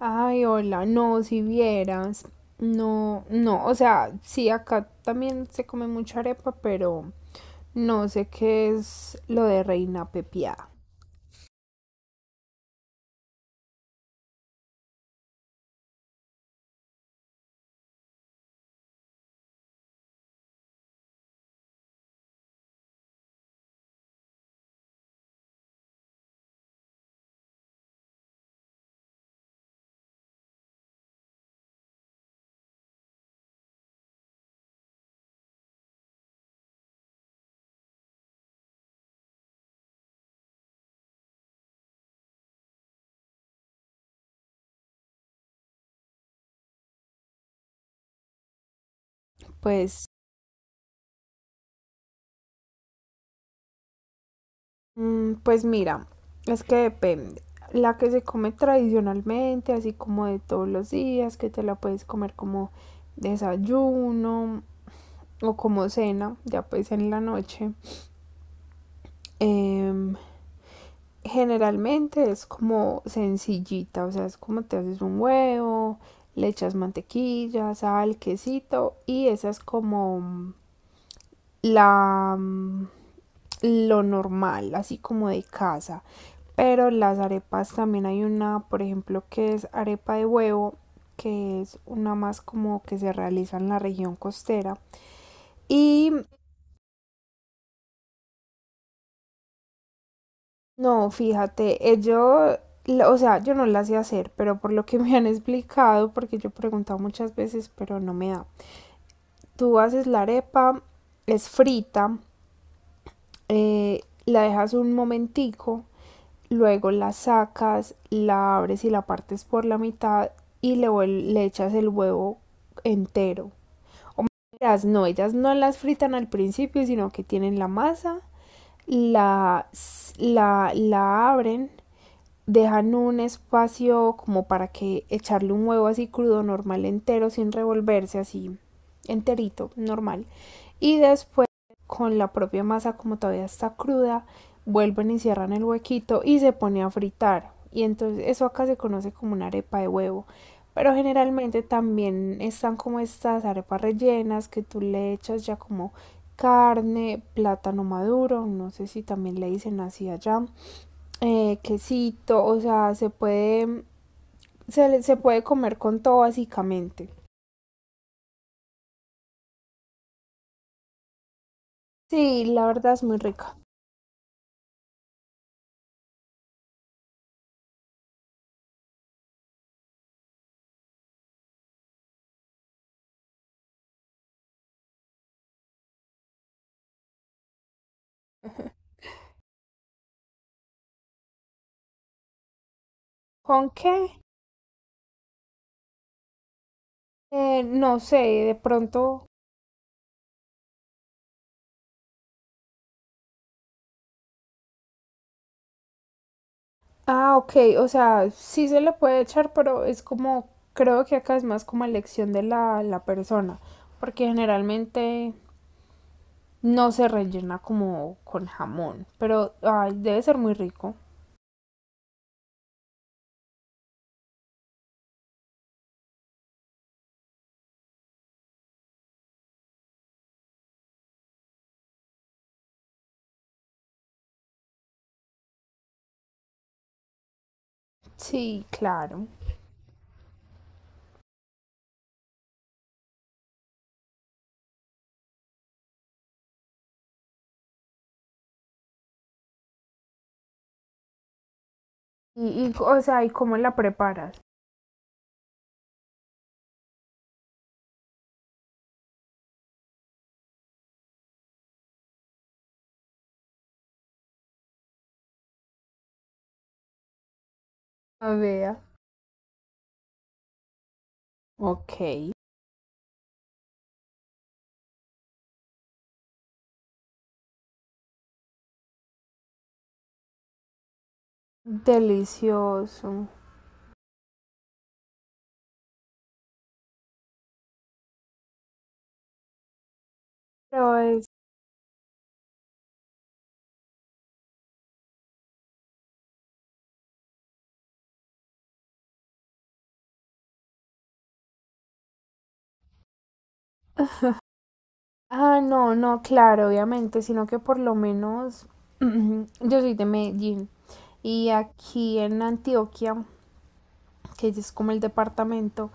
Ay, hola, no, si vieras, no, no, o sea, sí, acá también se come mucha arepa, pero no sé qué es lo de reina pepiada. Pues, pues mira, es que depende. La que se come tradicionalmente, así como de todos los días, que te la puedes comer como desayuno o como cena, ya pues en la noche. Em, generalmente es como sencillita, o sea, es como te haces un huevo, le echas mantequilla, sal, quesito y esa es como la lo normal, así como de casa. Pero las arepas también hay una, por ejemplo, que es arepa de huevo, que es una más como que se realiza en la región costera. Y no, fíjate, yo, o sea, yo no la sé hacer, pero por lo que me han explicado, porque yo he preguntado muchas veces, pero no me da. Tú haces la arepa, es frita, la dejas un momentico, luego la sacas, la abres y la partes por la mitad y le, le echas el huevo entero. O las no, ellas no las fritan al principio, sino que tienen la masa, la, la, la abren, dejan un espacio como para que echarle un huevo así crudo, normal, entero, sin revolverse, así enterito, normal. Y después con la propia masa, como todavía está cruda, vuelven y cierran el huequito y se pone a fritar. Y entonces eso acá se conoce como una arepa de huevo. Pero generalmente también están como estas arepas rellenas que tú le echas ya como carne, plátano maduro, no sé si también le dicen así allá, quesito, o sea, se puede, se, se puede comer con todo básicamente. Sí, la verdad es muy rica. ¿Con qué? No sé, de pronto. Ah, ok, o sea, sí se le puede echar, pero es como, creo que acá es más como elección de la persona, porque generalmente no se rellena como con jamón, pero ay, debe ser muy rico. Sí, claro. Y, o sea, ¿y cómo la preparas? A ver. Ok. Delicioso. Pero es... Ah, no, no, claro, obviamente, sino que por lo menos yo soy de Medellín y aquí en Antioquia, que es como el departamento,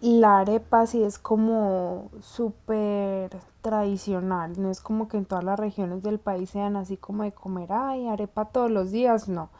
la arepa sí es como súper tradicional, no es como que en todas las regiones del país sean así como de comer, ay, arepa todos los días, no.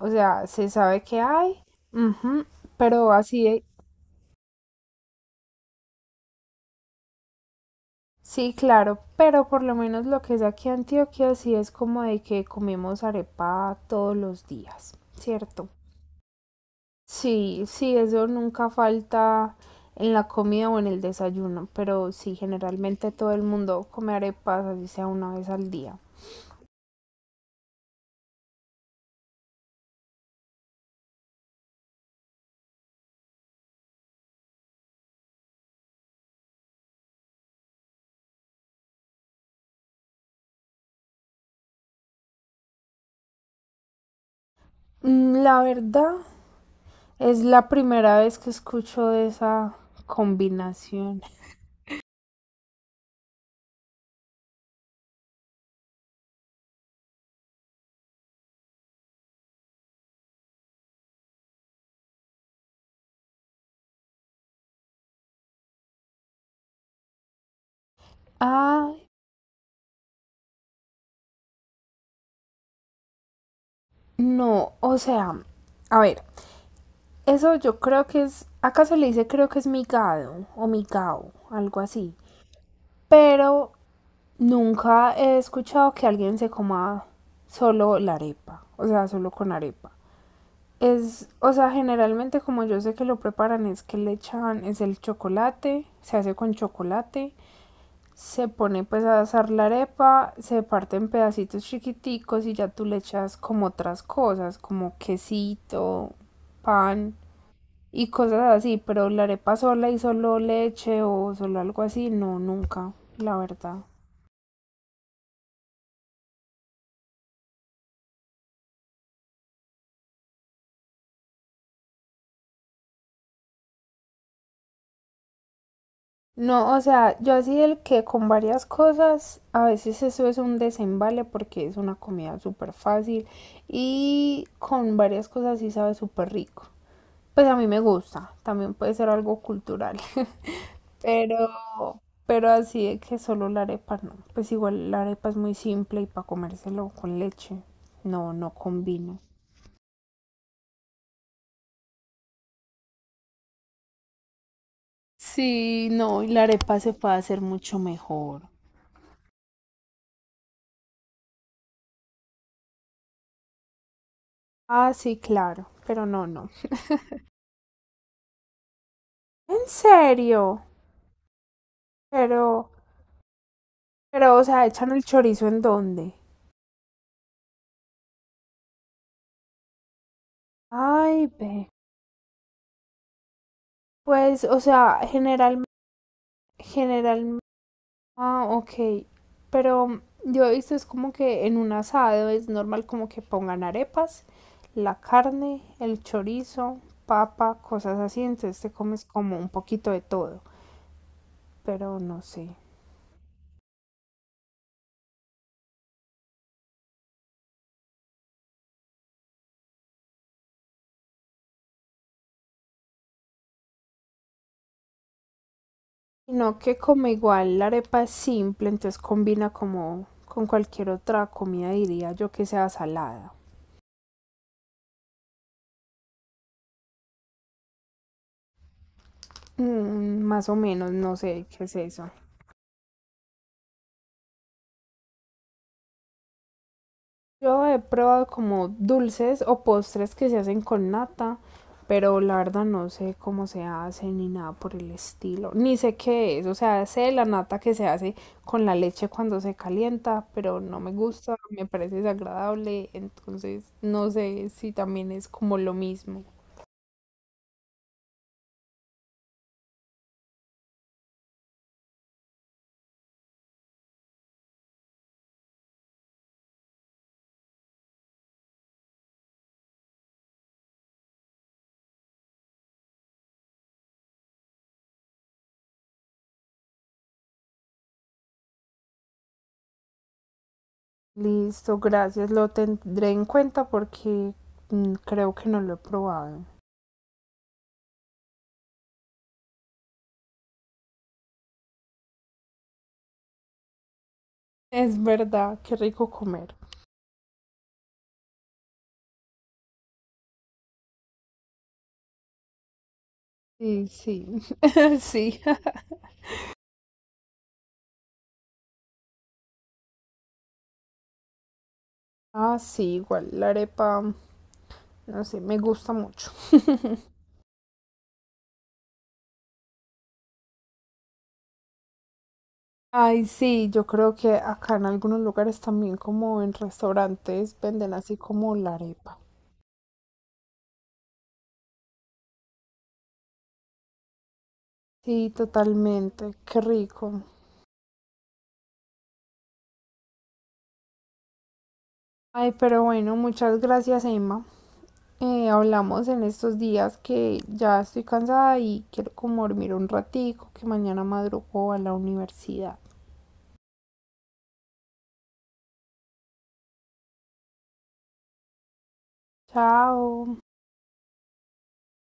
O sea, se sabe que hay, ujú, pero así de sí, claro, pero por lo menos lo que es aquí Antioquia sí es como de que comemos arepa todos los días, ¿cierto? Sí, sí, eso nunca falta en la comida o en el desayuno, pero sí, generalmente todo el mundo come arepas, así sea una vez al día. Mm, la verdad, es la primera vez que escucho de esa combinación. Ah, no, o sea, a ver. Eso yo creo que es, acá se le dice creo que es migado o migao, algo así. Pero nunca he escuchado que alguien se coma solo la arepa, o sea, solo con arepa. Es, o sea, generalmente como yo sé que lo preparan es que le echan, es el chocolate, se hace con chocolate, se pone pues a asar la arepa, se parte en pedacitos chiquiticos y ya tú le echas como otras cosas, como quesito, pan, y cosas así, pero la arepa sola y solo leche o solo algo así, no, nunca, la verdad. No, o sea, yo así el que con varias cosas, a veces eso es un desembale porque es una comida súper fácil y con varias cosas sí sabe súper rico. Pues a mí me gusta, también puede ser algo cultural, pero, pero así de que solo la arepa no. Pues igual la arepa es muy simple y para comérselo con leche, no, no combino. Sí, no, y la arepa se puede hacer mucho mejor. Ah, sí, claro, pero no, no. ¿En serio? Pero, pero, o sea, ¿echan el chorizo en dónde? Ay, ve. Pues, o sea, general, general, ah, ok. Pero yo he visto es como que en un asado es normal como que pongan arepas, la carne, el chorizo, papa, cosas así, entonces te comes como un poquito de todo, pero no sé. Sino que como igual la arepa es simple, entonces combina como con cualquier otra comida, diría yo que sea salada. Mm, más o menos, no sé qué es eso. Yo he probado como dulces o postres que se hacen con nata, pero la verdad no sé cómo se hace ni nada por el estilo. Ni sé qué es, o sea, sé la nata que se hace con la leche cuando se calienta, pero no me gusta, me parece desagradable, entonces no sé si también es como lo mismo. Listo, gracias. Lo tendré en cuenta porque creo que no lo he probado. Es verdad, qué rico comer. Sí, sí, sí. Ah, sí, igual la arepa, no sé, me gusta mucho. Ay, sí, yo creo que acá en algunos lugares también, como en restaurantes, venden así como la arepa. Sí, totalmente, qué rico. Ay, pero bueno, muchas gracias, Emma. Eh, hablamos en estos días que ya estoy cansada y quiero como dormir un ratico, que mañana madrugo a la universidad. Chao.